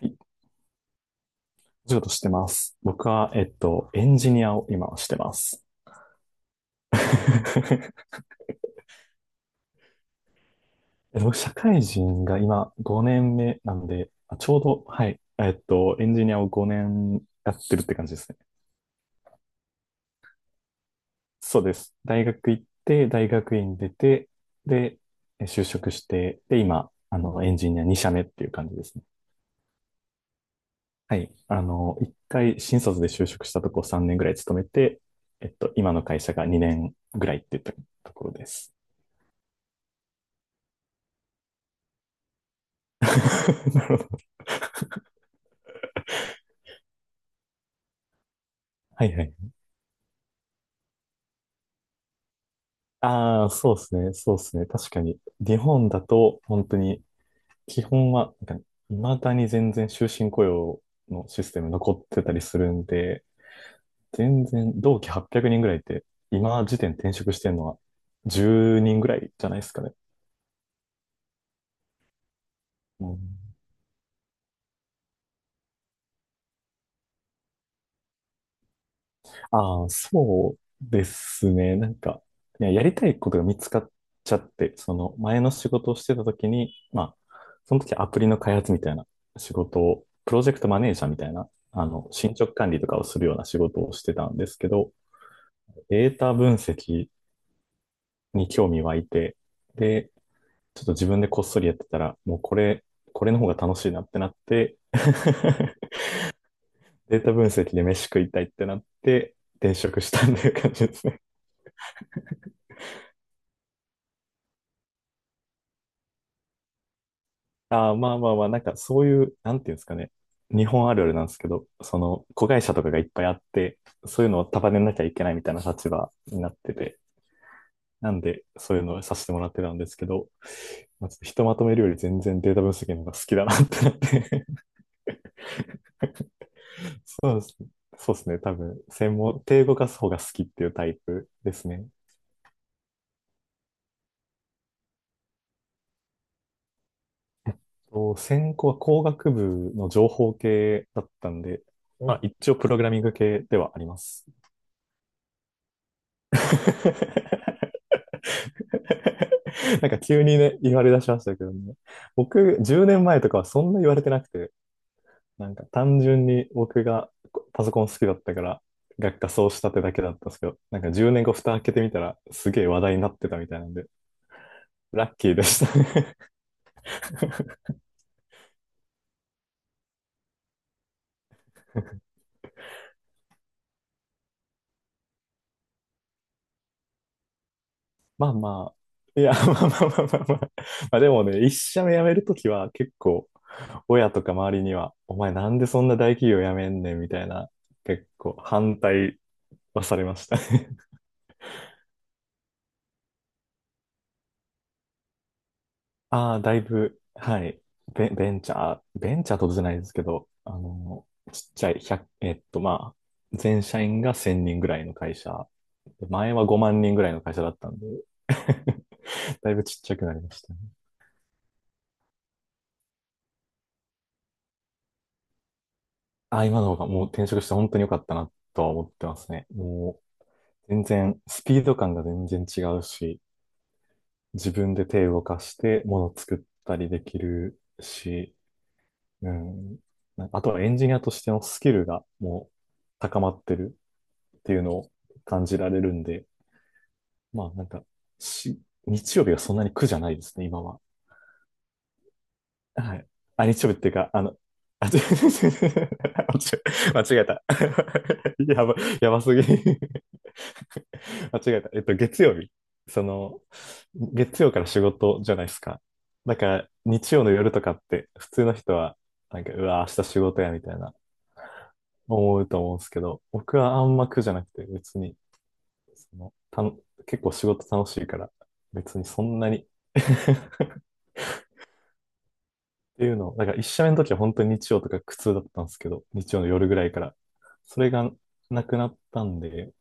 いお仕事してます。僕は、エンジニアを今はしてます。僕、社会人が今5年目なんで、ちょうど、はい、エンジニアを5年やってるって感じですね。そうです。大学行って、大学院出て、で、就職して、で、今、エンジニア2社目っていう感じですね。はい。1回新卒で就職したとこ3年ぐらい勤めて、今の会社が2年ぐらいって言ったところです。なるほはいはい。ああ、そうですね。そうですね。確かに。日本だと、本当に、基本は、なんか、未だに全然終身雇用のシステム残ってたりするんで、全然、同期800人ぐらいって、今時点転職してるのは10人ぐらいじゃないですかね。うん。ああ、そうですね。なんか、いや、やりたいことが見つかっちゃって、その前の仕事をしてた時に、まあ、その時アプリの開発みたいな仕事を、プロジェクトマネージャーみたいな、進捗管理とかをするような仕事をしてたんですけど、データ分析に興味湧いて、で、ちょっと自分でこっそりやってたら、もうこれの方が楽しいなってなって、データ分析で飯食いたいってなって、転職したんていう感じですね。ああ、まあまあまあ、なんかそういう、なんていうんですかね。日本あるあるなんですけど、その、子会社とかがいっぱいあって、そういうのを束ねなきゃいけないみたいな立場になってて、なんで、そういうのをさせてもらってたんですけど、まあ、ちょっとひとまとめるより全然データ分析の方が好きだなってなって。 そうですね。そうですね。多分、専門、手動かす方が好きっていうタイプですね。と専攻は工学部の情報系だったんで、まあ一応プログラミング系ではあります。なんか急にね、言われ出しましたけどね。僕、10年前とかはそんな言われてなくて、なんか単純に僕がパソコン好きだったから、学科そうしたってだけだったんですけど、なんか10年後蓋開けてみたら、すげえ話題になってたみたいなんで、ラッキーでしたね。まあまあ、いや、まあまあまあまあまあ。まあでもね、一社目辞めるときは結構、親とか周りには、お前なんでそんな大企業辞めんねんみたいな、結構反対はされましたね。ああ、だいぶ、はい。ベンチャーとじゃないですけど、ちっちゃい、1、まあ、全社員が1000人ぐらいの会社。で前は5万人ぐらいの会社だったんで、だいぶちっちゃくなりましたね。ああ、今の方がもう転職して本当に良かったなとは思ってますね。もう、全然、スピード感が全然違うし、自分で手を動かして物作ったりできるし、うん。なんかあとはエンジニアとしてのスキルがもう高まってるっていうのを感じられるんで、まあなんかし、日曜日がそんなに苦じゃないですね、今は。はい。あ、日曜日っていうか、あ、違う、間違えた。やば、やばすぎ。間違えた。月曜日。その、月曜から仕事じゃないですか。だから、日曜の夜とかって、普通の人は、なんか、うわ、明日仕事や、みたいな、思うと思うんですけど、僕はあんま苦じゃなくて、別に、その、たの、結構仕事楽しいから、別にそんなに っていうのを、だから一社目の時は本当に日曜とか苦痛だったんですけど、日曜の夜ぐらいから。それがなくなったんで、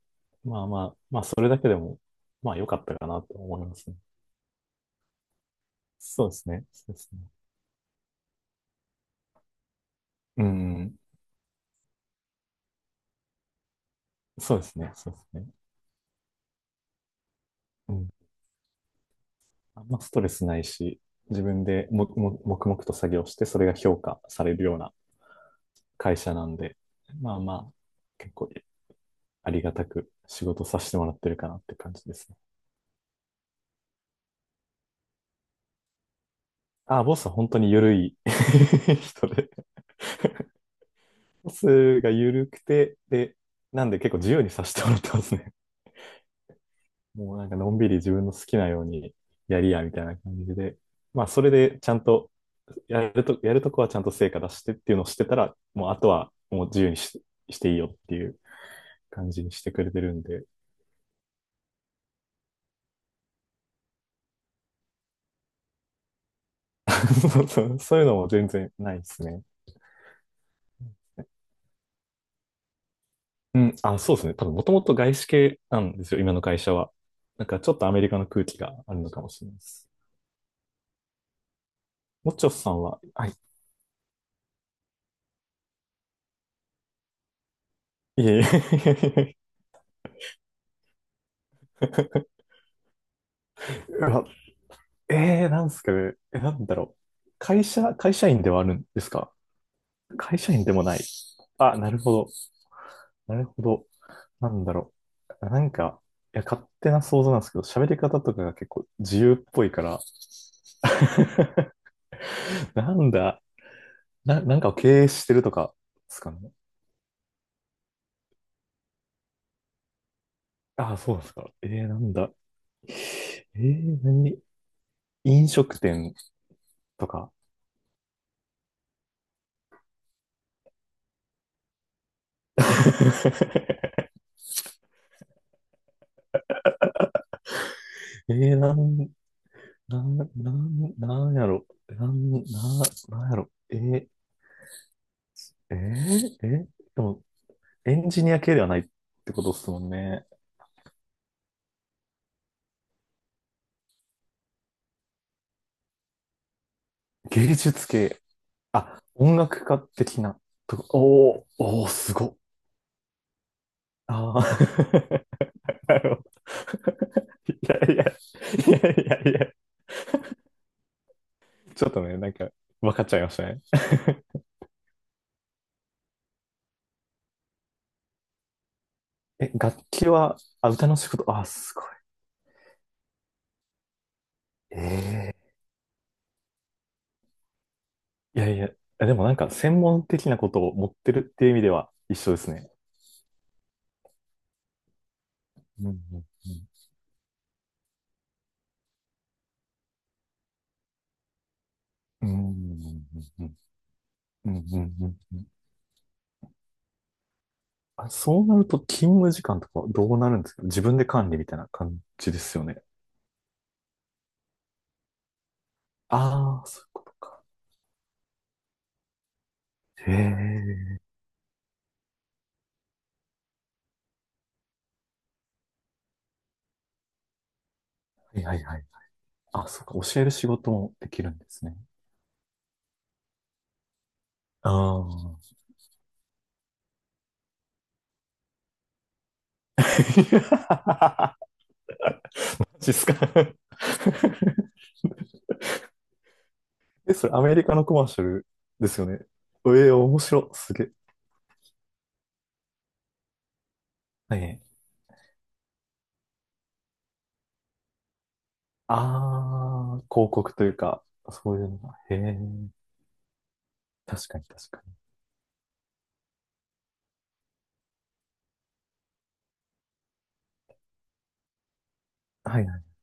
まあまあ、まあそれだけでも、まあ良かったかなと思いますね。そうですね。そうですね。うん。そうですね。そうですね。うん。あんまストレスないし、自分でも、黙々と作業して、それが評価されるような会社なんで、まあまあ、結構ありがたく仕事させてもらってるかなって感じですね。ああ、ボスは本当に緩い 人でトスが緩くて、で、なんで結構自由にさせてもらってますね。もうなんかのんびり自分の好きなようにやりや、みたいな感じで。まあ、それでちゃんと、やるとこはちゃんと成果出してっていうのをしてたら、もうあとはもう自由にしていいよっていう感じにしてくれてるんで。そうそうそういうのも全然ないですね。うん。あ、そうですね。多分もともと外資系なんですよ、今の会社は。なんかちょっとアメリカの空気があるのかもしれないです。もっちょさんは、はい。いえいえいえい。 うわ。なんすかね。なんだろう。会社員ではあるんですか？会社員でもない。あ、なるほど。なるほど。なんだろう。なんか、いや、勝手な想像なんですけど、喋り方とかが結構自由っぽいから、なんだ、なんかを経営してるとかですかね。ああ、そうなんですか？なんだ。何、飲食店とか。えー、なん、なん、ななんやろ。なんやろ。えー、えーでも、エンジニア系ではないってことですもんね。芸術系。あ、音楽家的なとこ。おー、おー、すごっ。あー。 なるほど。いやいや、いやいやいや。ちょっとね、なんか、分かっちゃいましたね。え、楽器は、あ、歌の仕事、あ、すごい。ええ。いやいや、でもなんか、専門的なことを持ってるっていう意味では一緒ですね。うんうんうんうん。うん。うんうんうんうんうん。あ、そうなると勤務時間とかどうなるんですか？自分で管理みたいな感じですよね。ああ、そういうことか。へえ。はいはいはい。あ、そうか。教える仕事もできるんですね。ああ。マジっすか？ え、それアメリカのコマーシャルですよね。ええ、面白い。すげえ。はい。ああ、広告というか、そういうのが。へえ。確かに確かに。はいはい。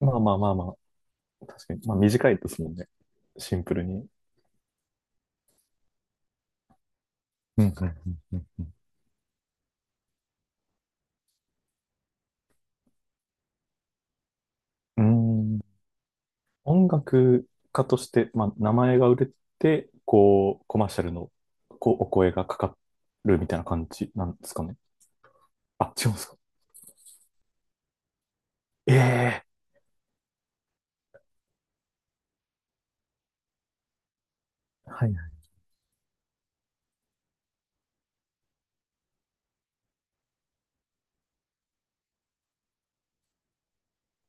まあまあまあまあ。確かに。まあ短いですもんね。シンプルに。うんうんうんうん。うーん。音楽家として、まあ名前が売れて、こう、コマーシャルのこうお声がかかるみたいな感じなんですかね。あ、違うんですか？ええー。はいはい。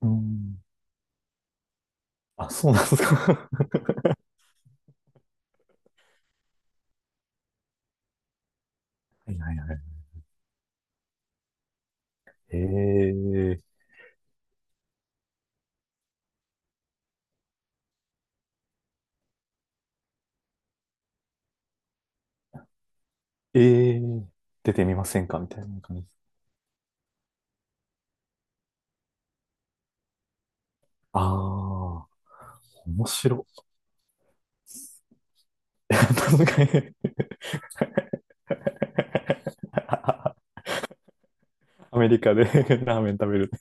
うーん。あ、そうなんですか？はいはいはい。ええー。ええー。出てみませんかみたいな感じです。ああ、面白い。確かに。あ、アメリカで ラーメン食べる。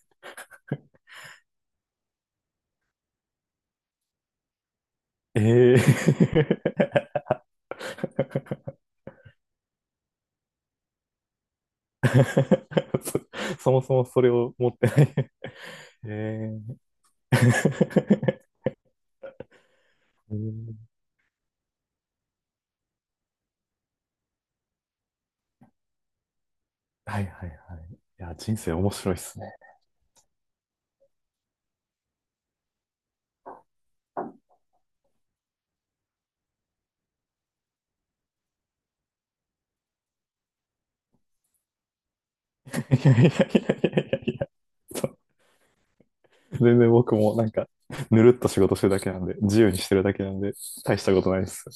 ええー。 そもそもそれを持ってない。 えー。 うん。はいはいはい。いや、人生面白いっすね。いやいやいやいやいやいや、そう。全然僕もなんか、ぬるっと仕事してるだけなんで、自由にしてるだけなんで、大したことないです。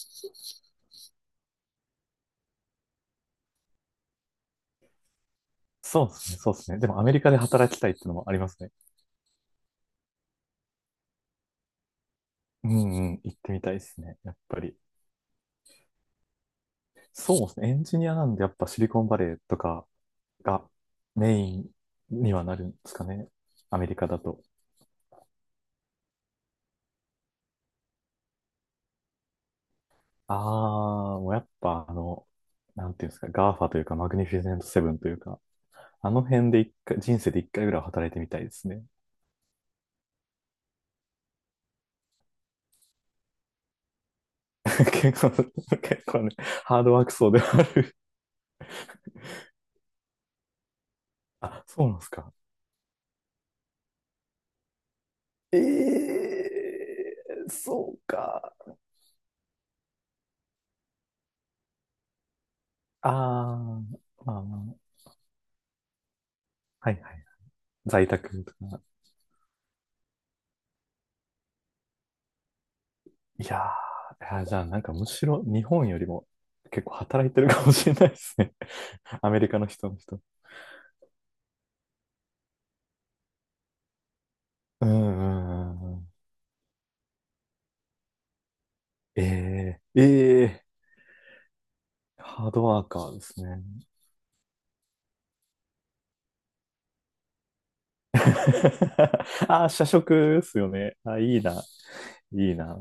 そうですね、そうですね。でもアメリカで働きたいってのもありますね。うんうん、行ってみたいですね、やっぱり。そうですね、エンジニアなんでやっぱシリコンバレーとか、がメインにはなるんですかね。アメリカだと。ああ、もうやっぱなんていうんですか、ガーファというか、マグニフィセントセブンというか、あの辺で一回、人生で一回ぐらいは働いてみたいですね。結構、結構ね、ハードワーク層ではある。あ、そうなんですか？ええー、そうか。ああ、まあまあ、はいはい。在宅とか、いやー、いやじゃあなんかむしろ日本よりも結構働いてるかもしれないですね。アメリカの人の人。うんうんうんうん。えええーハードワーカーですね。あー、社食ですよね。あ、いいな、いいな。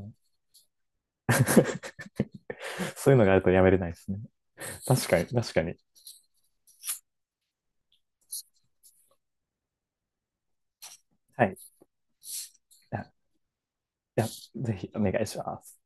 そういうのがあるとやめれないですね。確かに、確かに。はい。あ、いや、ぜひお願いします。